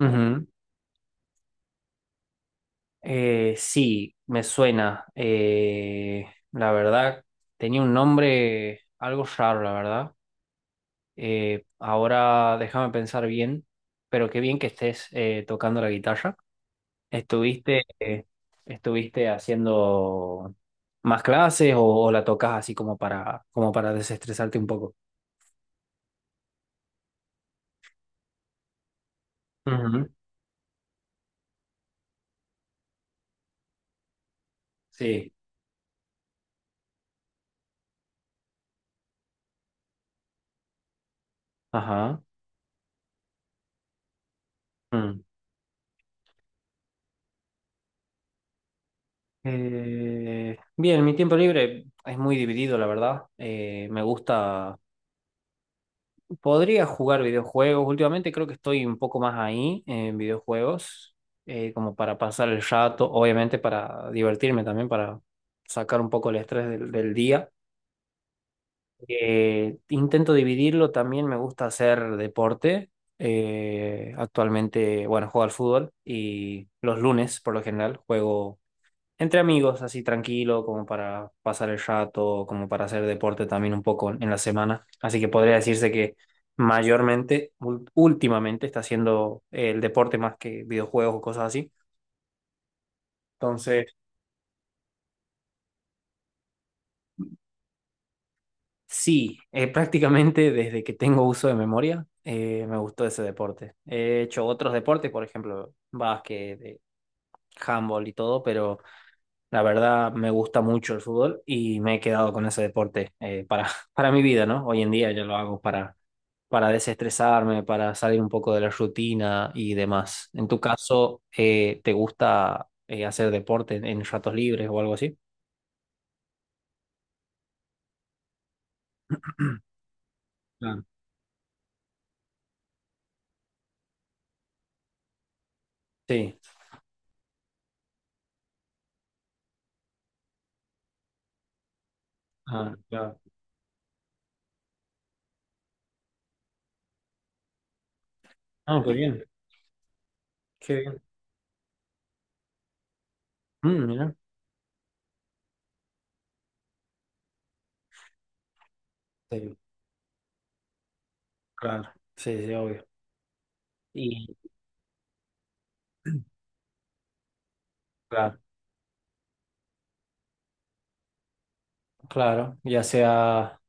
Ujú. Sí, me suena. La verdad, tenía un nombre algo raro, la verdad. Ahora déjame pensar bien, pero qué bien que estés tocando la guitarra. ¿Estuviste, eh, estuviste haciendo más clases o la tocas así como como para desestresarte un poco? Ujú. Sí. Ajá. Mm. Bien, mi tiempo libre es muy dividido, la verdad. Me gusta. Podría jugar videojuegos. Últimamente creo que estoy un poco más ahí en videojuegos, como para pasar el rato, obviamente para divertirme también, para sacar un poco el estrés del día. Intento dividirlo, también me gusta hacer deporte. Actualmente, bueno, juego al fútbol y los lunes por lo general juego entre amigos, así tranquilo, como para pasar el rato, como para hacer deporte también un poco en la semana. Así que podría decirse que mayormente, últimamente, está haciendo el deporte más que videojuegos o cosas así. Entonces, sí, prácticamente desde que tengo uso de memoria, me gustó ese deporte. He hecho otros deportes, por ejemplo, básquet, handball y todo, pero la verdad me gusta mucho el fútbol y me he quedado con ese deporte para, para mi vida, ¿no? Hoy en día yo lo hago para desestresarme, para salir un poco de la rutina y demás. En tu caso, ¿te gusta hacer deporte en ratos libres o algo así? Claro. Sí, ah, claro. Ah, qué bien, qué bien. Mm, mira. Sí, claro, sí, sí, obvio. Y claro, claro, ya sea,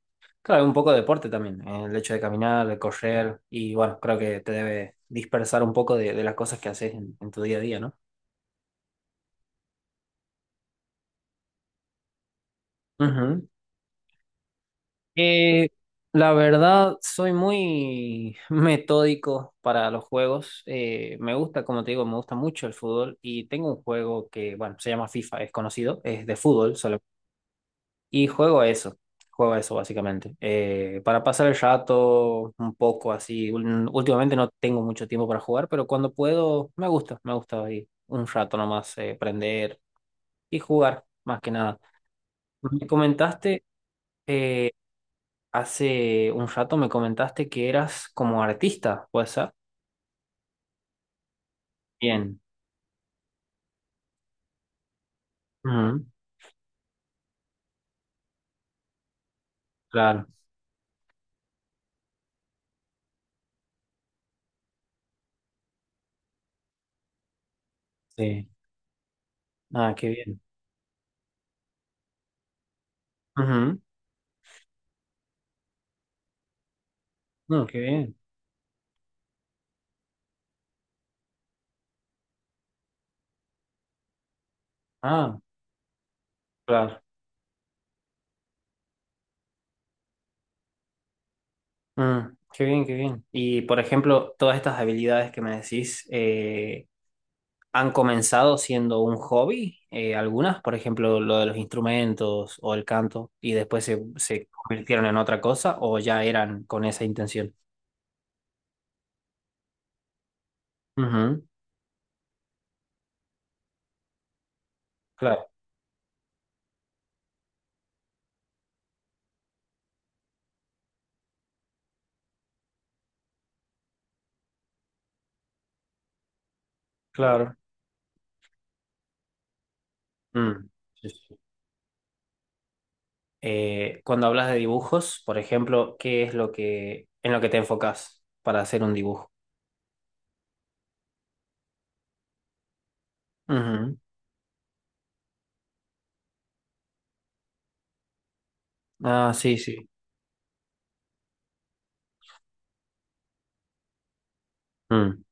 claro, un poco de deporte también, el hecho de caminar, de correr, y bueno, creo que te debe dispersar un poco de las cosas que haces en tu día a día, ¿no? Ujú. Eh, la verdad, soy muy metódico para los juegos. Me gusta, como te digo, me gusta mucho el fútbol y tengo un juego que, bueno, se llama FIFA, es conocido, es de fútbol solo. Y juego a eso básicamente. Para pasar el rato un poco así, últimamente no tengo mucho tiempo para jugar, pero cuando puedo, me gusta ahí un rato nomás, prender y jugar, más que nada. Me comentaste... eh, Hace un rato me comentaste que eras como artista, ¿puede ser? Bien. Ujú, claro. Sí. Ah, qué bien. Ujú. No, qué bien. Ah, claro. Mm, qué bien, qué bien. Y por ejemplo, todas estas habilidades que me decís, ¿han comenzado siendo un hobby? Algunas, por ejemplo, lo de los instrumentos o el canto, y después se convirtieron en otra cosa o ya eran con esa intención. Ujú, claro, claro. Mm. Sí, sí. Cuando hablas de dibujos, por ejemplo, ¿qué es lo que en lo que te enfocas para hacer un dibujo? Ujú. Ah, sí, sí. Mm,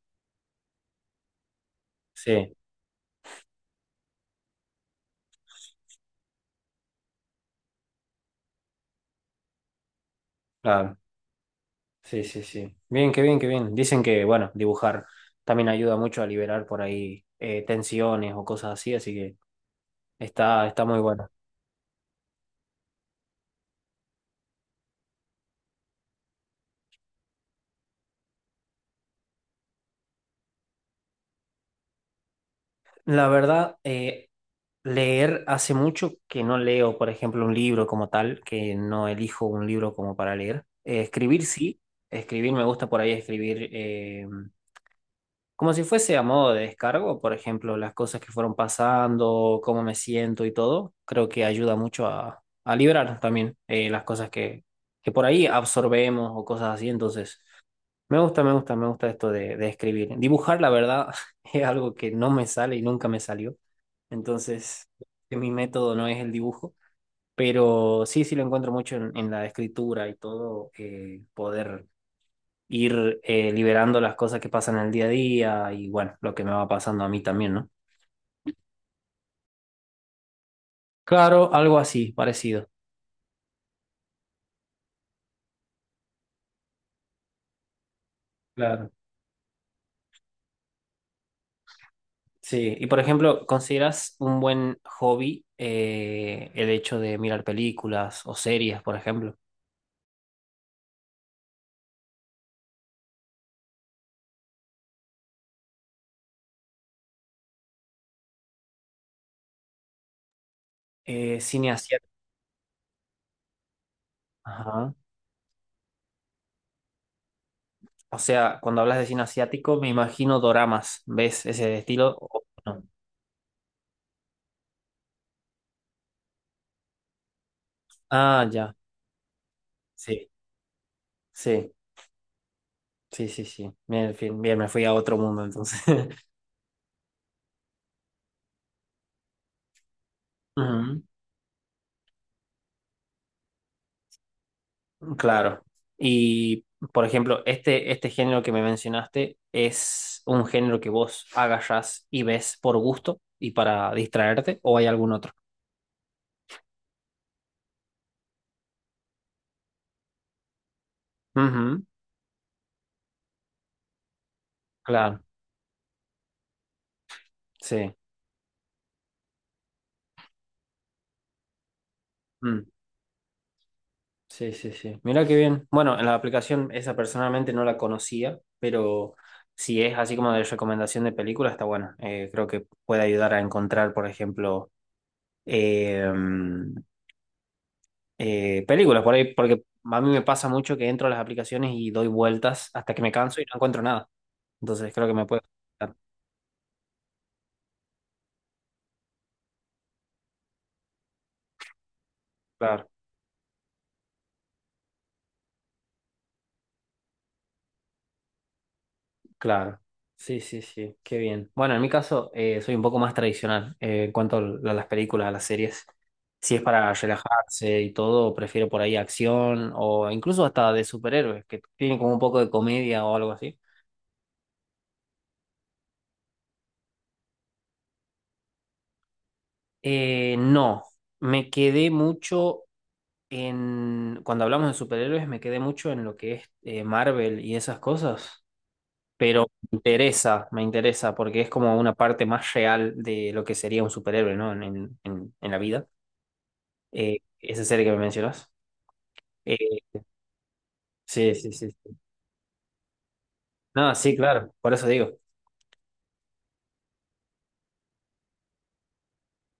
sí, claro. Sí, sí, sí. Bien, qué bien, qué bien. Dicen que, bueno, dibujar también ayuda mucho a liberar por ahí tensiones o cosas así, así que está, está muy bueno. La verdad, leer hace mucho que no leo, por ejemplo, un libro como tal, que no elijo un libro como para leer. Escribir sí, escribir me gusta por ahí escribir. Como si fuese a modo de descargo, por ejemplo, las cosas que fueron pasando, cómo me siento y todo, creo que ayuda mucho a liberar también las cosas que por ahí absorbemos o cosas así. Entonces, me gusta esto de escribir. Dibujar, la verdad, es algo que no me sale y nunca me salió. Entonces, que mi método no es el dibujo, pero sí, sí lo encuentro mucho en la escritura y todo, poder ir liberando las cosas que pasan en el día a día y bueno, lo que me va pasando a mí también, ¿no? Claro, algo así, parecido. Claro. Sí, y por ejemplo, ¿consideras un buen hobby el hecho de mirar películas o series, por ejemplo? Cine asiático. Ajá. O sea, cuando hablas de cine asiático, me imagino doramas. ¿Ves ese estilo? O no. Ah, ya. Sí, sí, sí, sí, sí. Bien, en fin, bien, me fui a otro mundo entonces. Ujú. Claro. Y, por ejemplo, este género que me mencionaste es un género que vos agarrás y ves por gusto y para distraerte, o hay algún otro. Ujú, claro, sí. Mm, sí, sí, sí. Mira qué bien. Bueno, en la aplicación esa personalmente no la conocía, pero si es así como de recomendación de película, está bueno. Creo que puede ayudar a encontrar, por ejemplo, eh, películas por ahí, porque a mí me pasa mucho que entro a las aplicaciones y doy vueltas hasta que me canso y no encuentro nada. Entonces creo que me puede... afectar. Claro, claro. Sí, sí, sí, qué bien. Bueno, en mi caso soy un poco más tradicional en cuanto a las películas, a las series. Si es para relajarse y todo, prefiero por ahí acción o incluso hasta de superhéroes, que tienen como un poco de comedia o algo así. No, me quedé mucho en, cuando hablamos de superhéroes me quedé mucho en lo que es Marvel y esas cosas, pero me interesa porque es como una parte más real de lo que sería un superhéroe, ¿no? En la vida. Esa serie que me mencionas. Eh, sí, sí, sí. Sí. No, sí, claro, por eso digo.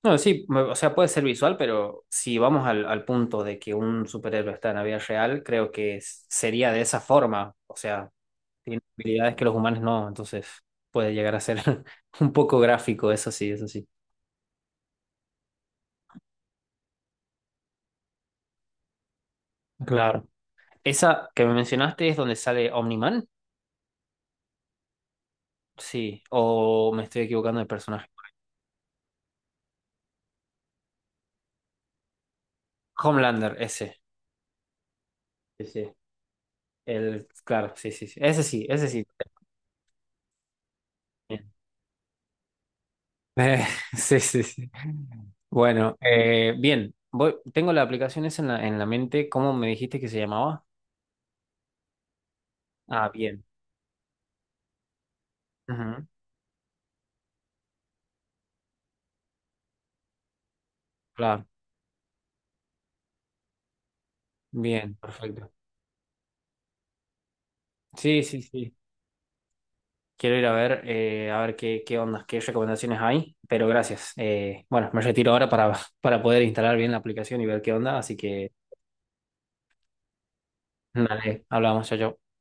No, sí, o sea, puede ser visual, pero si vamos al punto de que un superhéroe está en la vida real, creo que sería de esa forma, o sea, tiene habilidades que los humanos no, entonces puede llegar a ser un poco gráfico, eso sí, eso sí. Claro. Esa que me mencionaste es donde sale Omniman, sí, o me estoy equivocando de personaje. Homelander, ese. Sí, sí. El, claro, sí, sí, sí. Ese sí, ese sí. Bien. Eh, sí, sí, sí. Bueno, bien. Voy, tengo la aplicación esa en la mente. ¿Cómo me dijiste que se llamaba? Ah, bien. Ujú, claro, bien, perfecto. Sí, sí, sí. Quiero ir a ver qué, qué ondas, qué recomendaciones hay, pero gracias. Bueno, me retiro ahora para, para poder instalar bien la aplicación y ver qué onda, así que dale, hablamos, chao, chao.